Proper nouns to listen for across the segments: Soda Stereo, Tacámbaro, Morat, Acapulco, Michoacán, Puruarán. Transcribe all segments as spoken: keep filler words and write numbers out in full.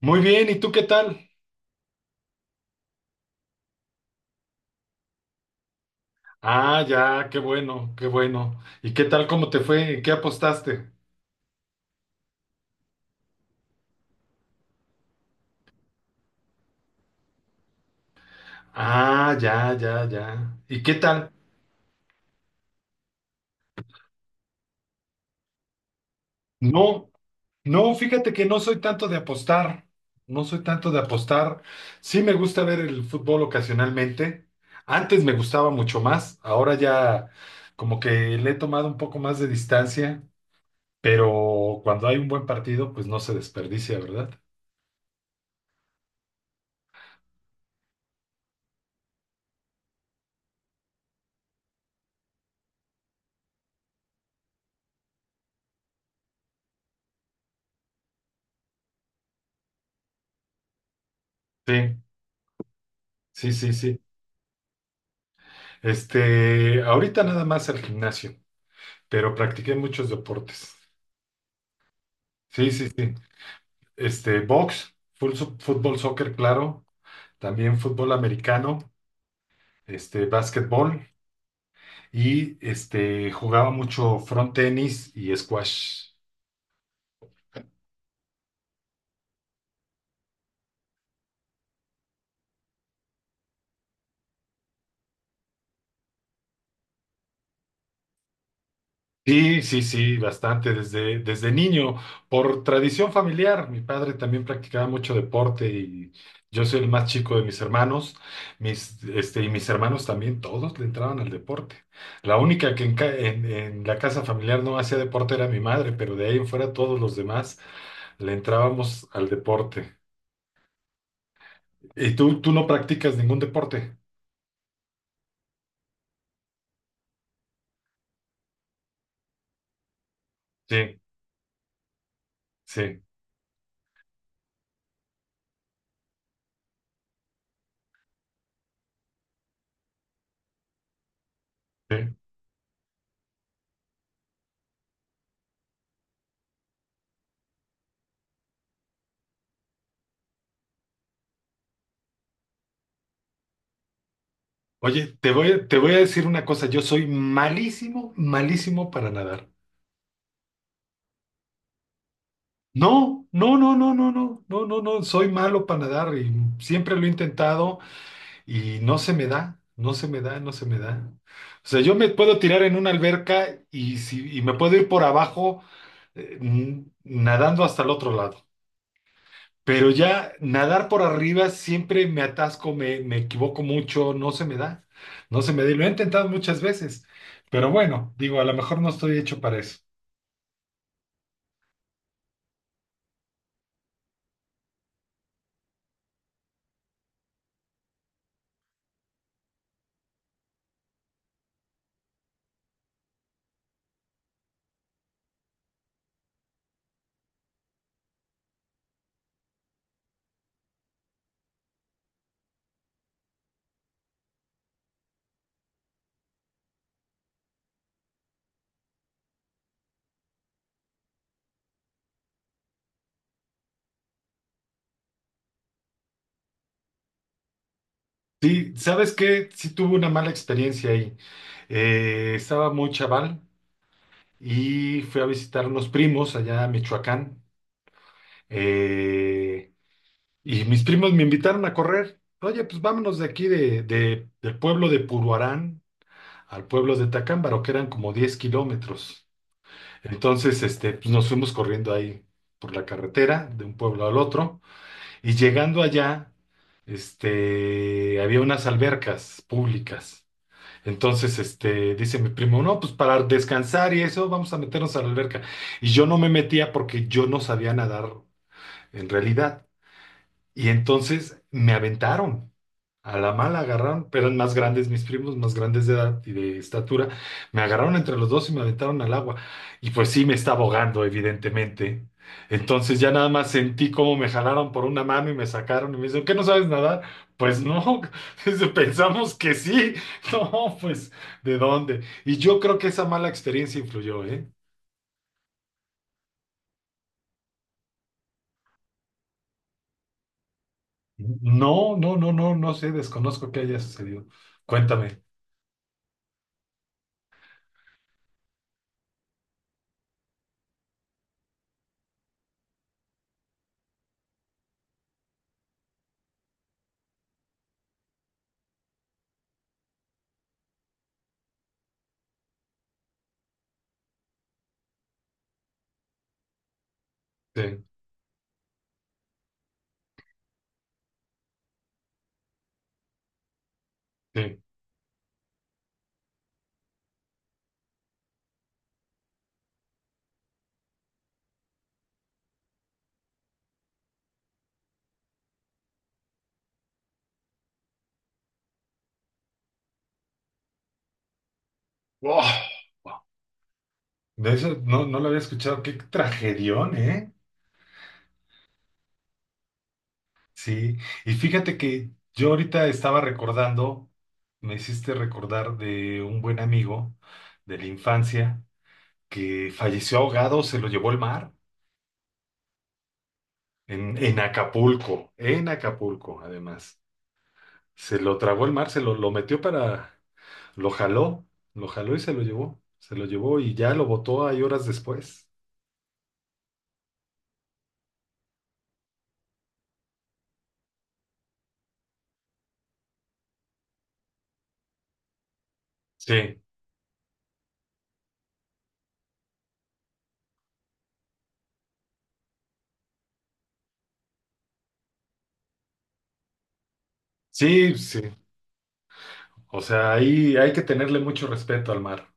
Muy bien, ¿y tú qué tal? Ah, ya, qué bueno, qué bueno. ¿Y qué tal, cómo te fue? ¿En qué apostaste? Ah, ya, ya, ya. ¿Y qué tal? No, no, fíjate que no soy tanto de apostar. No soy tanto de apostar. Sí me gusta ver el fútbol ocasionalmente. Antes me gustaba mucho más. Ahora ya como que le he tomado un poco más de distancia. Pero cuando hay un buen partido, pues no se desperdicia, ¿verdad? Sí, sí, sí, sí. Este, ahorita nada más al gimnasio, pero practiqué muchos deportes. Sí, sí, sí. Este, box, full so- fútbol, soccer, claro, también fútbol americano, este, básquetbol y este, jugaba mucho front tenis y squash. Sí, sí, sí, bastante, desde, desde niño, por tradición familiar. Mi padre también practicaba mucho deporte y yo soy el más chico de mis hermanos, mis, este, y mis hermanos también, todos le entraban al deporte. La única que en, ca- en- en la casa familiar no hacía deporte era mi madre, pero de ahí en fuera todos los demás le entrábamos al deporte. ¿Y tú, tú no practicas ningún deporte? Sí, sí, sí. Oye, te voy, te voy a decir una cosa, yo soy malísimo, malísimo para nadar. No, no, no, no, no, no, no, no, no, soy malo para nadar y siempre lo he intentado y no se me da, no se me da, no se me da. O sea, yo me puedo tirar en una alberca y, si, y me puedo ir por abajo eh, n- nadando hasta el otro lado, pero ya nadar por arriba siempre me atasco, me, me equivoco mucho, no se me da, no se me da y lo he intentado muchas veces, pero bueno, digo, a lo mejor no estoy hecho para eso. Sí, ¿sabes qué? Sí tuve una mala experiencia ahí. Eh, estaba muy chaval y fui a visitar unos primos allá a Michoacán. Eh, y mis primos me invitaron a correr. Oye, pues vámonos de aquí de, de- del pueblo de Puruarán al pueblo de Tacámbaro, que eran como diez kilómetros. Entonces, este, pues nos fuimos corriendo ahí por la carretera de un pueblo al otro. Y llegando allá, este, había unas albercas públicas. Entonces, este, dice mi primo, no, pues para descansar y eso, vamos a meternos a la alberca. Y yo no me metía porque yo no sabía nadar en realidad. Y entonces me aventaron. A la mala agarraron, pero eran más grandes mis primos, más grandes de edad y de estatura. Me agarraron entre los dos y me aventaron al agua. Y pues sí, me estaba ahogando, evidentemente. Entonces ya nada más sentí cómo me jalaron por una mano y me sacaron y me dicen, ¿qué no sabes nadar? Pues no. Dice, pensamos que sí. No, pues, ¿de dónde? Y yo creo que esa mala experiencia influyó, ¿eh? No, no, no, no, no sé, desconozco qué haya sucedido. Cuéntame. Sí, sí. Oh. De eso no, no lo había escuchado. Qué tragedión, ¿eh? Sí. Y fíjate que yo ahorita estaba recordando, me hiciste recordar de un buen amigo de la infancia que falleció ahogado, se lo llevó el mar en, en Acapulco, en Acapulco, además. Se lo tragó el mar, se lo, lo metió para, Lo jaló, lo jaló y se lo llevó. Se lo llevó y ya lo botó ahí horas después. Sí, sí, sí. O sea, ahí hay que tenerle mucho respeto al mar.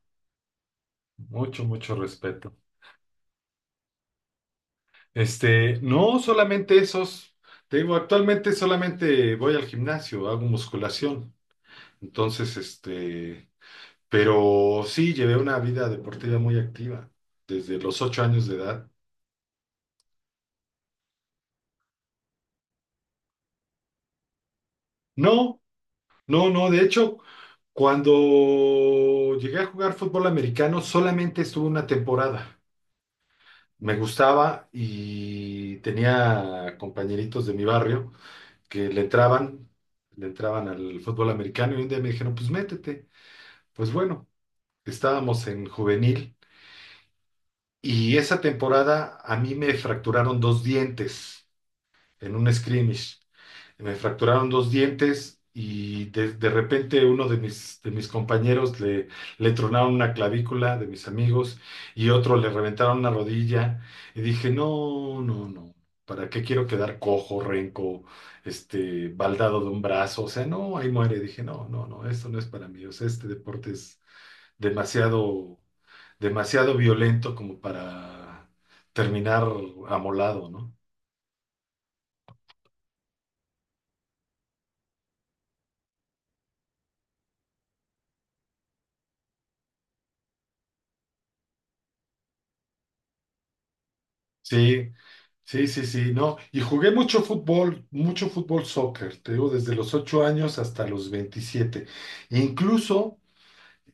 Mucho, mucho respeto. Este, no solamente esos. Te digo, actualmente solamente voy al gimnasio, hago musculación. Entonces, este, pero sí llevé una vida deportiva muy activa desde los ocho años de edad. No, no, no. De hecho, cuando llegué a jugar fútbol americano, solamente estuve una temporada. Me gustaba y tenía compañeritos de mi barrio que le entraban, le entraban al fútbol americano y un día me dijeron, pues métete. Pues bueno, estábamos en juvenil y esa temporada a mí me fracturaron dos dientes en un scrimmage. Me fracturaron dos dientes y de, de repente uno de mis, de mis compañeros le, le tronaron una clavícula de mis amigos y otro le reventaron una rodilla. Y dije, no, no, no, ¿para qué quiero quedar cojo, renco, este, baldado de un brazo? O sea, no, ahí muere. Dije, no, no, no, esto no es para mí. O sea, este deporte es demasiado, demasiado violento como para terminar amolado, ¿no? Sí, sí, sí, sí, no. Y jugué mucho fútbol, mucho fútbol soccer, te digo, desde los ocho años hasta los veintisiete. Incluso,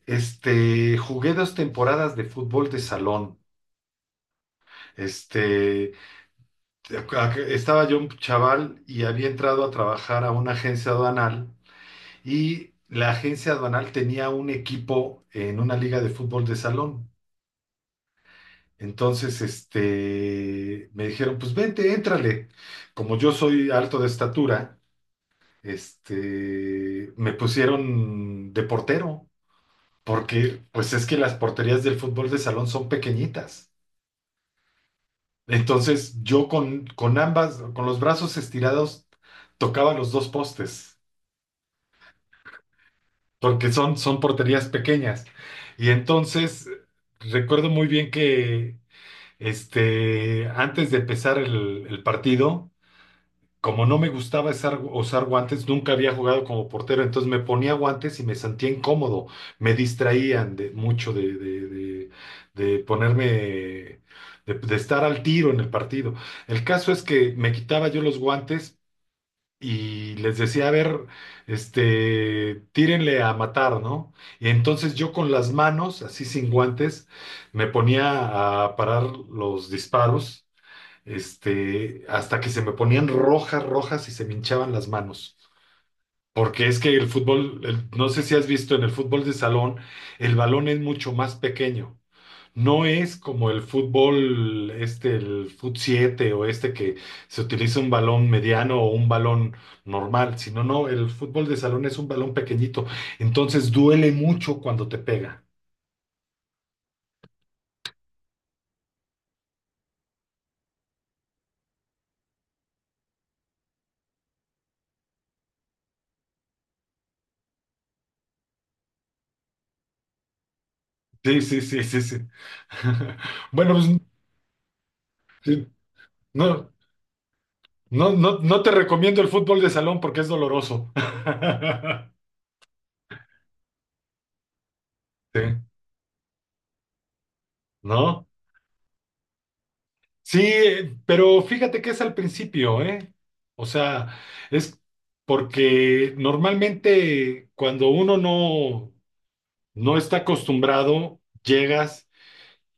este, jugué dos temporadas de fútbol de salón. Este, ac- estaba yo un chaval y había entrado a trabajar a una agencia aduanal y la agencia aduanal tenía un equipo en una liga de fútbol de salón. Entonces, este, me dijeron, pues vente, éntrale. Como yo soy alto de estatura, este, me pusieron de portero, porque pues es que las porterías del fútbol de salón son pequeñitas. Entonces yo con, con ambas, con los brazos estirados, tocaba los dos postes, porque son, son porterías pequeñas. Y entonces recuerdo muy bien que este, antes de empezar el, el partido, como no me gustaba usar, usar guantes, nunca había jugado como portero, entonces me ponía guantes y me sentía incómodo, me distraían de, mucho de, de- de- de ponerme, de, de estar al tiro en el partido. El caso es que me quitaba yo los guantes y les decía, a ver, este, tírenle a matar, ¿no? Y entonces yo con las manos, así sin guantes, me ponía a parar los disparos este, hasta que se me ponían rojas, rojas y se me hinchaban las manos. Porque es que el fútbol, el- no sé si has visto, en el fútbol de salón, el balón es mucho más pequeño. No es como el fútbol, este, el fut siete o este que se utiliza un balón mediano o un balón normal, sino no, el fútbol de salón es un balón pequeñito. Entonces duele mucho cuando te pega. Sí, sí, sí, sí, sí. Bueno, pues, sí, no, no, no, no te recomiendo el fútbol de salón porque es doloroso. Sí, ¿no? Sí, eh, pero fíjate que es al principio, ¿eh? O sea, es porque normalmente cuando uno no, no está acostumbrado, llegas.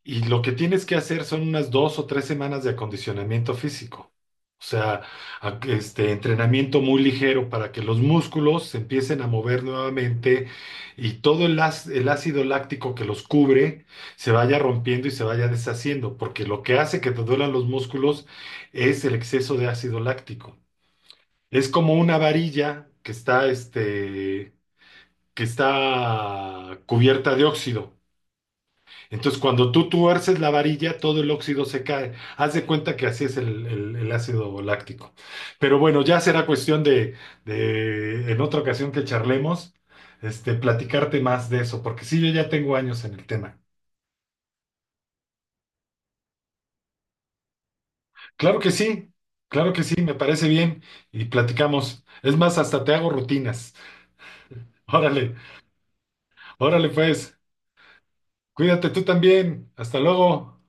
Y lo que tienes que hacer son unas dos o tres semanas de acondicionamiento físico. O sea, a- este entrenamiento muy ligero para que los músculos se empiecen a mover nuevamente y todo el, ac- el ácido láctico que los cubre se vaya rompiendo y se vaya deshaciendo, porque lo que hace que te duelan los músculos es el exceso de ácido láctico. Es como una varilla que está, este, que está cubierta de óxido. Entonces, cuando tú tuerces la varilla, todo el óxido se cae. Haz de cuenta que así es el, el- el ácido láctico. Pero bueno, ya será cuestión de, de en otra ocasión que charlemos, este, platicarte más de eso, porque sí, yo ya tengo años en el tema. Claro que sí, claro que sí, me parece bien y platicamos. Es más, hasta te hago rutinas. Órale, órale pues, cuídate tú también. Hasta luego.